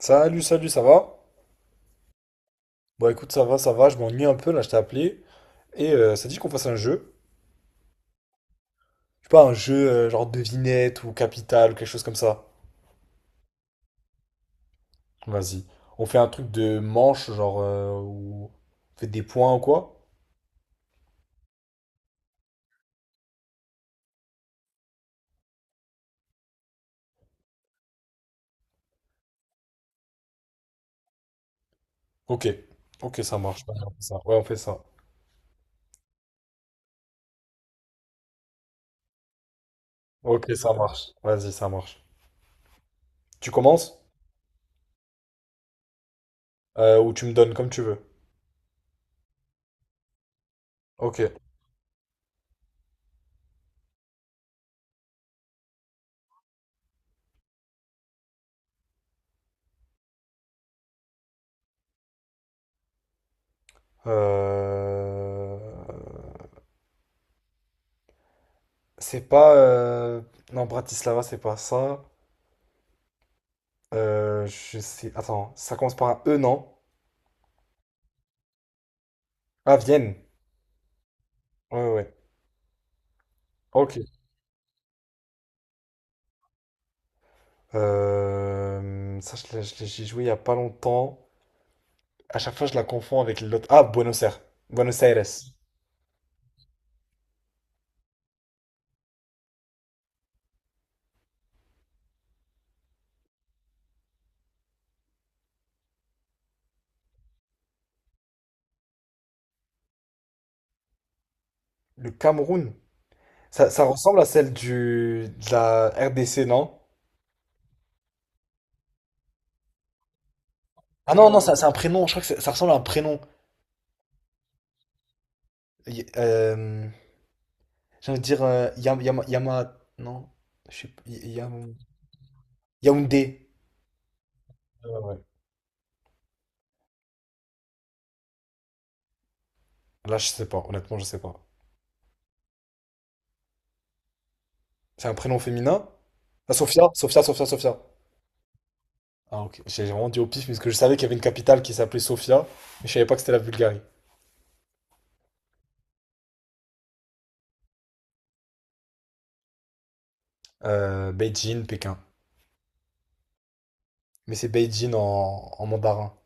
Salut, salut, ça va? Bon, écoute, ça va, je m'ennuie un peu, là, je t'ai appelé. Et ça dit qu'on fasse un jeu. Je sais pas, un jeu genre devinette ou capital ou quelque chose comme ça. Vas-y. On fait un truc de manche, genre, où on fait des points ou quoi? Ok. Ok, ça marche. Vas-y, on fait ça. Ouais, on fait ça. Ok, ça marche. Vas-y, ça marche. Tu commences? Ou tu me donnes comme tu veux. Ok. Euh... C'est pas... Non, Bratislava, c'est pas ça. Je sais. Attends, ça commence par un E, non? Ah, Vienne. Ouais, ouais, ouais. Ok. Ça, j'y joué il y a pas longtemps. À chaque fois, je la confonds avec l'autre. Ah, Buenos Aires. Buenos Aires. Le Cameroun. Ça ressemble à celle de la RDC, non? Ah non, non, ça, c'est un prénom. Je crois que ça ressemble à un prénom. Y- Euh, j'ai envie de dire Non. Je sais pas. Yaoundé. Ouais, ouais. Là, je sais pas. Honnêtement, je sais pas. C'est un prénom féminin? Ah, Sofia, Sofia, Sofia, Sofia. Ah, ok. J'ai vraiment dit au pif, parce que je savais qu'il y avait une capitale qui s'appelait Sofia, mais je savais pas que c'était la Bulgarie. Beijing, Pékin. Mais c'est Beijing en mandarin.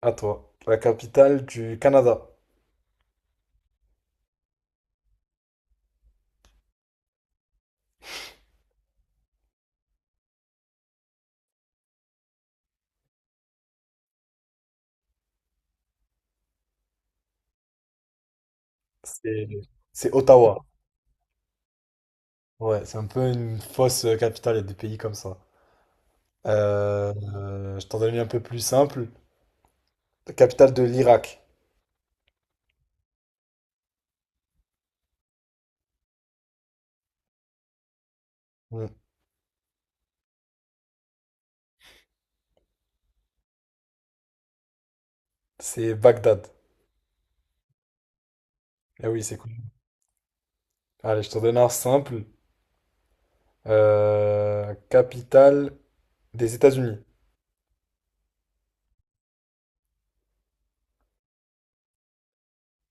À toi. La capitale du Canada. C'est c'est Ottawa. Ouais, c'est un peu une fausse capitale, il y a des pays comme ça. Je t'en donne une un peu plus simple. La capitale de l'Irak. Hmm. C'est Bagdad. Eh oui, c'est cool. Allez, je t'en donne un simple. Capitale des États-Unis.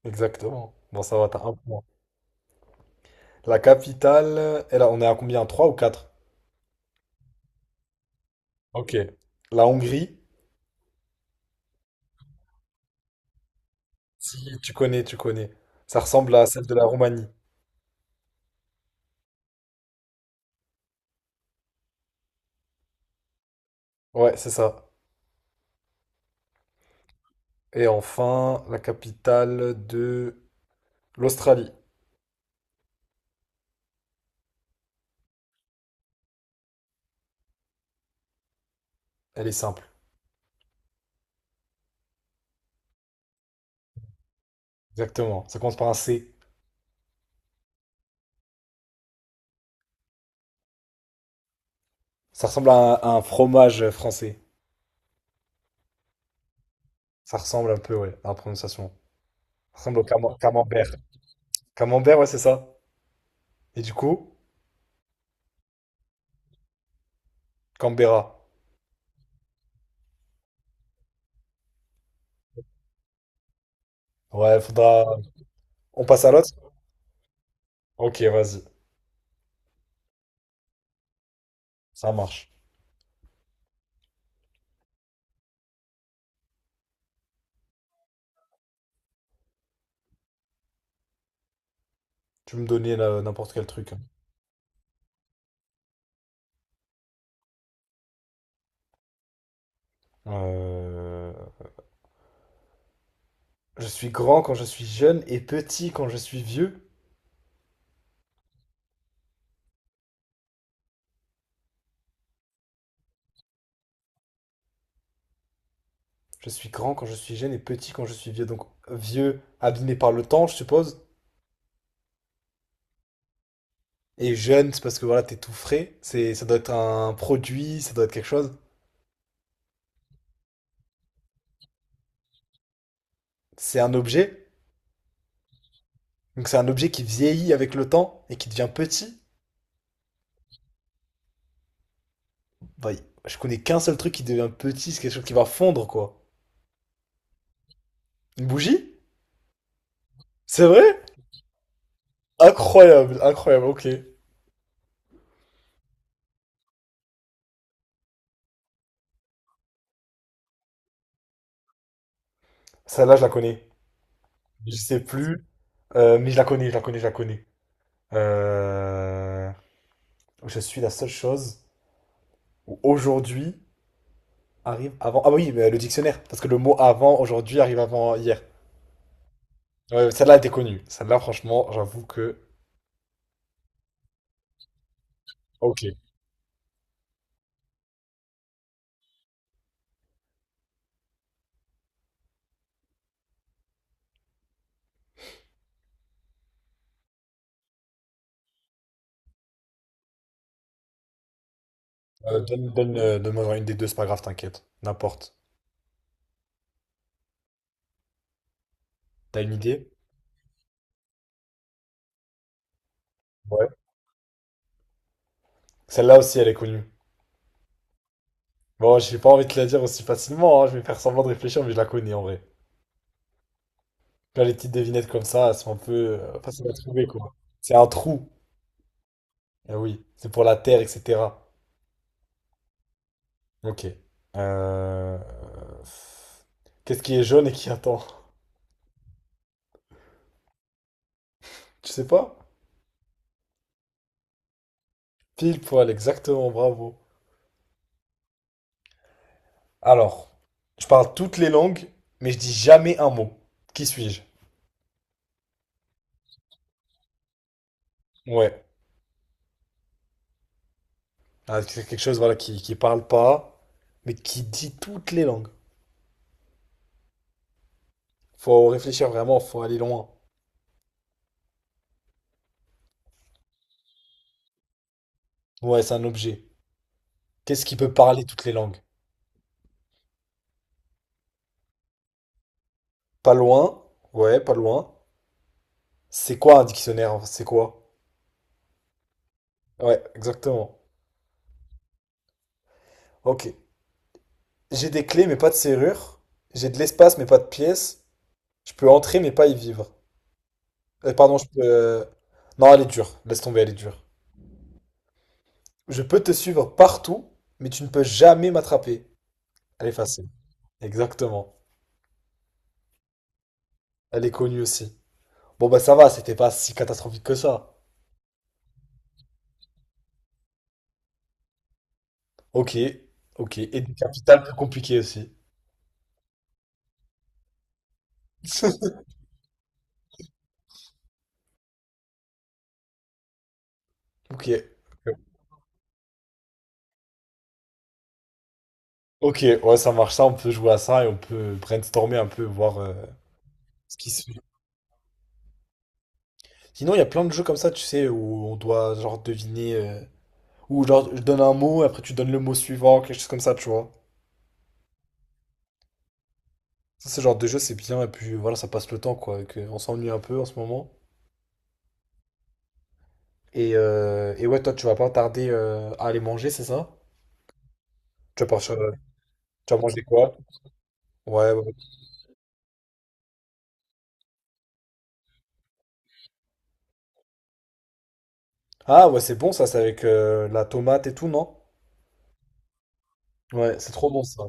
Exactement. Bon, ça va, t'as un point. La capitale, on est à combien? 3 ou quatre. Ok. La Hongrie, si tu connais, tu connais. Ça ressemble à celle de la Roumanie. Ouais, c'est ça. Et enfin, la capitale de l'Australie. Elle est simple. Exactement. Ça commence par un C. Ça ressemble à à un fromage français. Ça ressemble un peu, ouais, à la prononciation. Ça ressemble au camembert. Camembert, ouais, c'est ça. Et du coup, Canberra. Ouais, faudra. On passe à l'autre? Ok, vas-y. Ça marche. Tu me donnais là, n'importe quel truc, hein. Euh, je suis grand quand je suis jeune et petit quand je suis vieux. Je suis grand quand je suis jeune et petit quand je suis vieux. Donc vieux, abîmé par le temps, je suppose. Et jeune, c'est parce que voilà, t'es tout frais. Ça doit être un produit, ça doit être quelque chose. C'est un objet. Donc c'est un objet qui vieillit avec le temps et qui devient petit. Bah, je connais qu'un seul truc qui devient petit, c'est quelque chose qui va fondre, quoi. Une bougie? C'est vrai? Incroyable, incroyable, ok. Celle-là, je la connais. Je sais plus. Mais je la connais, je la connais, je la connais. Euh, Je suis la seule chose où aujourd'hui arrive avant. Ah oui, mais le dictionnaire. Parce que le mot avant aujourd'hui arrive avant hier. Ouais, celle-là était connue. Celle-là, franchement, j'avoue que. Ok. Donne, donne, donne-moi une des deux, c'est pas grave, t'inquiète. N'importe. T'as une idée? Ouais. Celle-là aussi, elle est connue. Bon, j'ai pas envie de te la dire aussi facilement, hein. Je vais faire semblant de réfléchir, mais je la connais en vrai. Là, les petites devinettes comme ça, elles sont un peu faciles à trouver, quoi. C'est un trou. Ah oui, c'est pour la terre, etc. Ok. Euh, qu'est-ce qui est jaune et qui attend? Tu sais pas? Pile poil, exactement, bravo. Alors, je parle toutes les langues, mais je dis jamais un mot. Qui suis-je? Ouais. Ah, c'est quelque chose, voilà, qui parle pas, mais qui dit toutes les langues. Faut réfléchir vraiment, faut aller loin. Ouais, c'est un objet. Qu'est-ce qui peut parler toutes les langues? Pas loin. Ouais, pas loin. C'est quoi un dictionnaire? C'est quoi? Ouais, exactement. Ok. J'ai des clés mais pas de serrure. J'ai de l'espace mais pas de pièces. Je peux entrer mais pas y vivre. Pardon, je peux... Non, elle est dure. Laisse tomber, elle est dure. Je peux te suivre partout, mais tu ne peux jamais m'attraper. Elle est facile. Exactement. Elle est connue aussi. Bon bah ça va, c'était pas si catastrophique que ça. Ok, ok. Et des capitales plus compliquées aussi. Ok. Ok, ouais, ça marche ça, on peut jouer à ça et on peut brainstormer un peu, voir ce qui se fait. Sinon, il y a plein de jeux comme ça, tu sais, où on doit genre deviner. Ou genre, je donne un mot, après tu donnes le mot suivant, quelque chose comme ça, tu vois. Ça, c'est genre de jeu, c'est bien, et puis voilà, ça passe le temps, quoi. On s'ennuie un peu en ce moment. Et ouais, toi, tu vas pas tarder à aller manger, c'est ça? Tu vas partir, tu vas manger quoi? Ouais, ouais. Ah, ouais, c'est bon, ça, c'est avec la tomate et tout, non? Ouais, c'est trop bon, ça.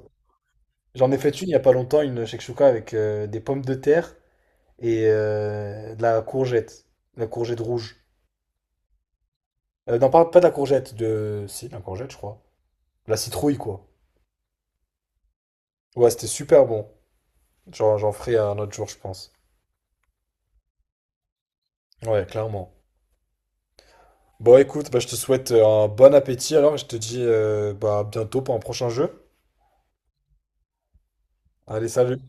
J'en ai fait une il y a pas longtemps, une shakshuka avec des pommes de terre et de la courgette. La courgette rouge. Pas de la courgette, de... Si, de la courgette, je crois. La citrouille, quoi. Ouais, c'était super bon. Genre, j'en ferai un autre jour, je pense. Ouais, clairement. Bon, écoute, bah, je te souhaite un bon appétit alors et je te dis bah, à bientôt pour un prochain jeu. Allez, salut!